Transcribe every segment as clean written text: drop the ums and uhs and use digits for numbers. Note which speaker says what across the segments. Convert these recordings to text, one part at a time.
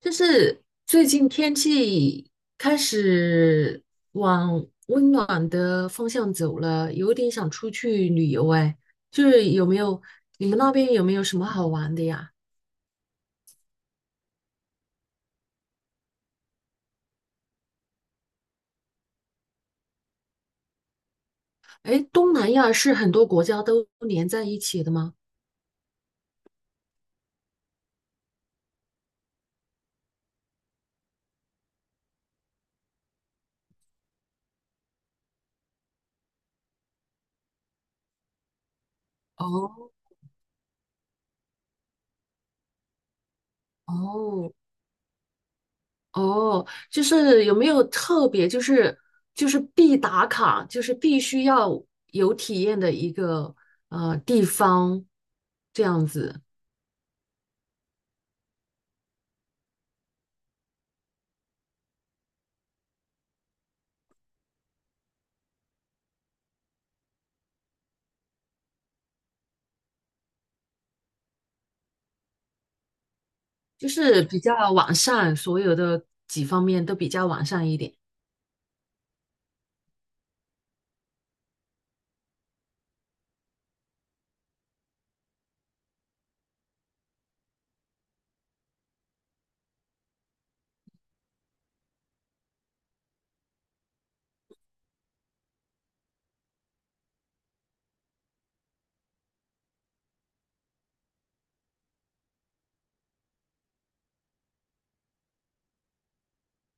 Speaker 1: 就是最近天气开始往温暖的方向走了，有点想出去旅游哎。就是你们那边有没有什么好玩的呀？哎，东南亚是很多国家都连在一起的吗？哦哦哦，就是有没有特别就是必打卡，就是必须要有体验的一个地方这样子？就是比较完善，所有的几方面都比较完善一点。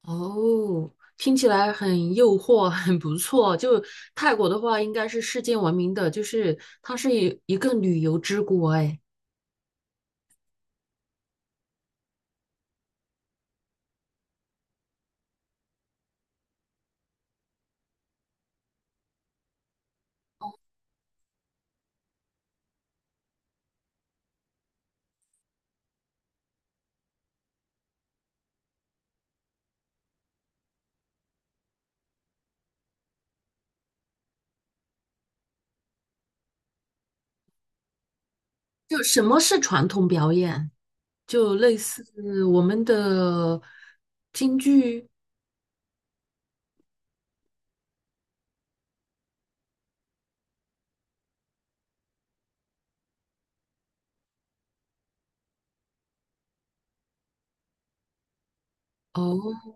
Speaker 1: 哦，听起来很诱惑，很不错。就泰国的话，应该是世界闻名的，就是它是一个旅游之国。哎，就什么是传统表演？就类似我们的京剧。哦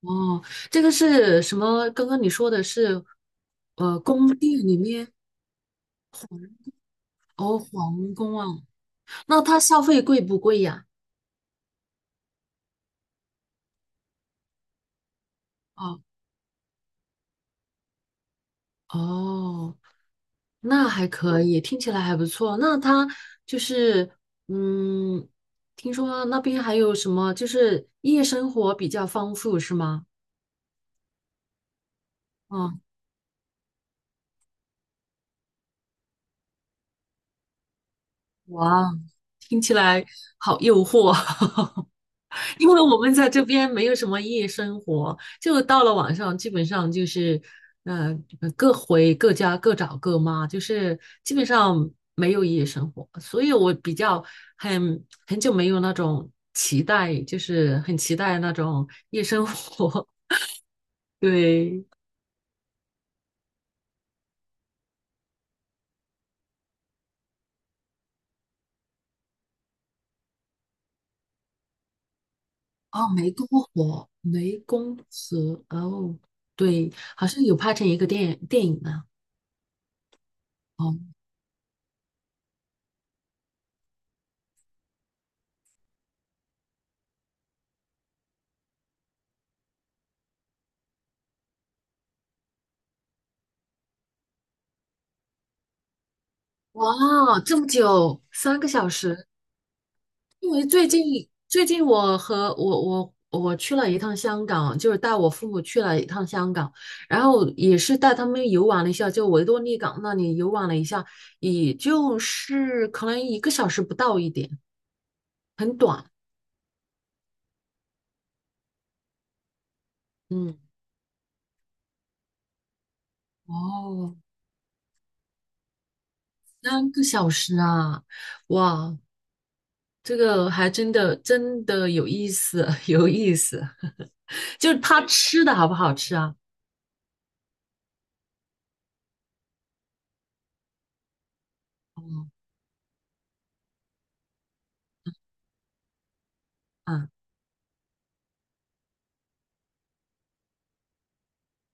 Speaker 1: 哦，这个是什么？刚刚你说的是，宫殿里面。哦，皇宫啊，那它消费贵不贵呀？哦。哦，那还可以，听起来还不错。那他就是，嗯，听说那边还有什么，就是夜生活比较丰富，是吗？嗯，哇，听起来好诱惑。因为我们在这边没有什么夜生活，就到了晚上，基本上就是，呃，各回各家，各找各妈，就是基本上没有夜生活，所以我比较很久没有那种期待，就是很期待那种夜生活。对，哦，湄公河，湄公河，哦，对，好像有拍成一个电影呢。哦，哇，这么久，三个小时。因为最近我和我我我去了一趟香港，就是带我父母去了一趟香港，然后也是带他们游玩了一下，就维多利港那里游玩了一下，也就是可能1个小时不到一点，很短。嗯，哦，三个小时啊，哇，这个还真的真的有意思，有意思。就是他吃的好不好吃啊？哦，啊。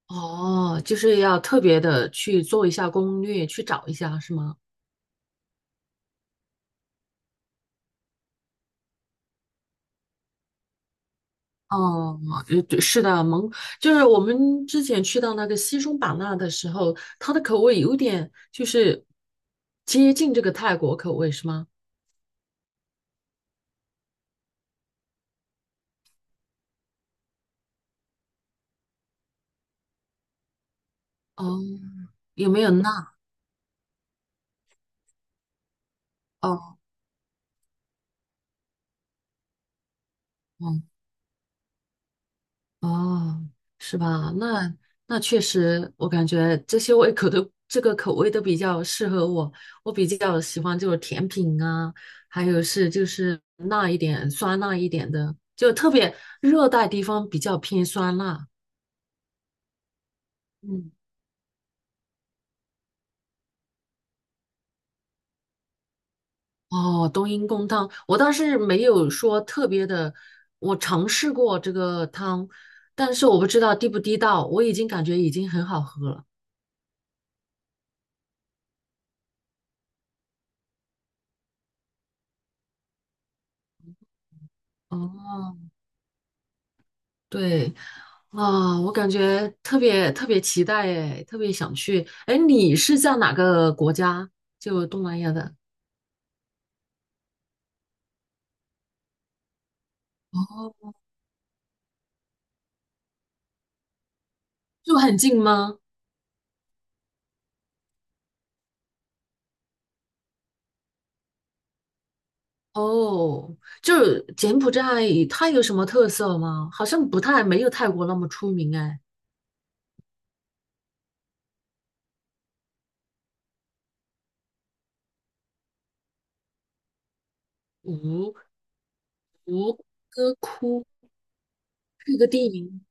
Speaker 1: 哦，就是要特别的去做一下攻略，去找一下，是吗？哦，对是的，就是我们之前去到那个西双版纳的时候，它的口味有点就是接近这个泰国口味，是吗？哦，有没有辣？哦，哦，是吧？那确实，我感觉这些胃口都这个口味都比较适合我。我比较喜欢就是甜品啊，还有是就是辣一点、酸辣一点的，就特别热带地方比较偏酸辣。嗯哦，冬阴功汤，我倒是没有说特别的，我尝试过这个汤，但是我不知道地不地道，我已经感觉已经很好喝了。哦，对，啊，我感觉特别特别期待哎，特别想去。哎，你是在哪个国家？就东南亚的？哦，就很近吗？哦，就是柬埔寨，它有什么特色吗？好像不太，没有泰国那么出名哎。吴吴哥窟是一个地名，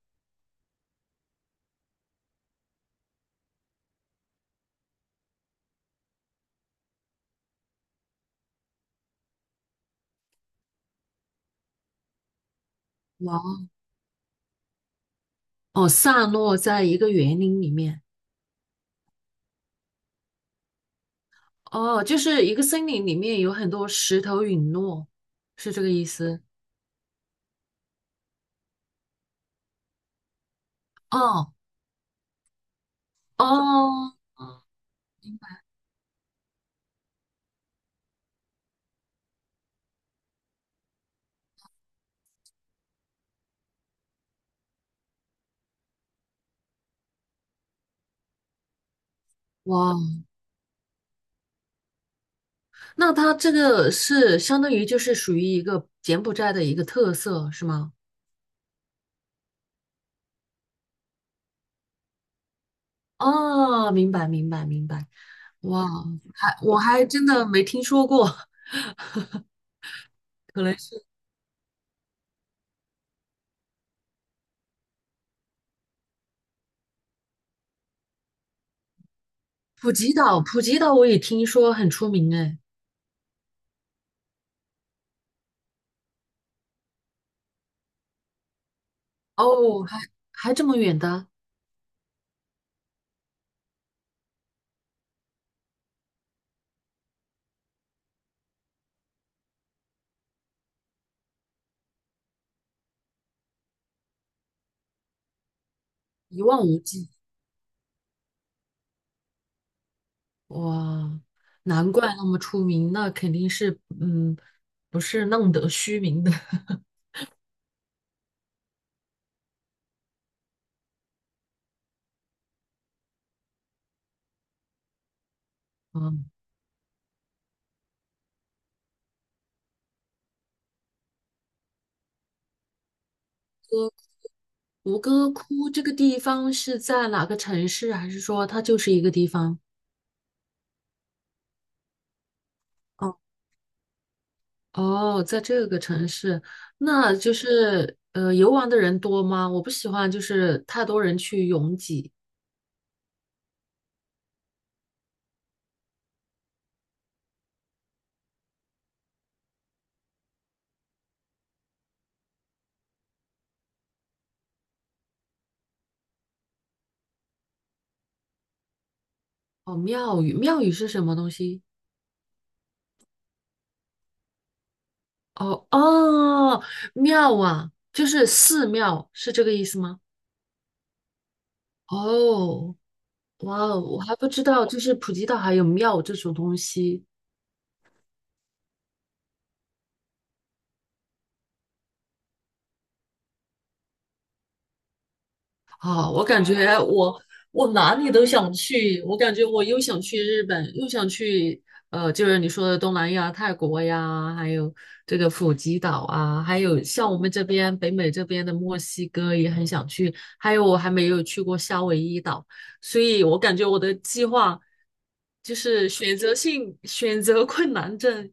Speaker 1: 哇，哦，散落在一个园林里面，哦，就是一个森林里面有很多石头陨落，是这个意思？哦哦，哇。那它这个是相当于就是属于一个柬埔寨的一个特色，是吗？哦，明白明白明白，哇，我还真的没听说过，可能是普吉岛，普吉岛我也听说很出名哎，哦，还这么远的，一望无际，哇，难怪那么出名，那肯定是嗯，不是浪得虚名的，嗯，哥，吴哥窟这个地方是在哪个城市，还是说它就是一个地方？哦。哦，在这个城市，那就是游玩的人多吗？我不喜欢就是太多人去拥挤。哦，庙宇，庙宇是什么东西？哦哦，庙啊，就是寺庙，是这个意思吗？哦，哇哦，我还不知道，就是普吉岛还有庙这种东西。啊，我感觉我哪里都想去，我感觉我又想去日本，又想去就是你说的东南亚、泰国呀，还有这个普吉岛啊，还有像我们这边北美这边的墨西哥也很想去，还有我还没有去过夏威夷岛，所以我感觉我的计划就是选择性选择困难症，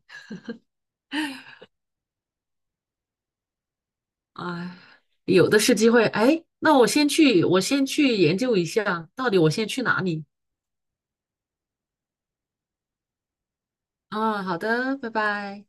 Speaker 1: 哎，有的是机会，哎，那我先去，我先去研究一下，到底我先去哪里。啊，好的，拜拜。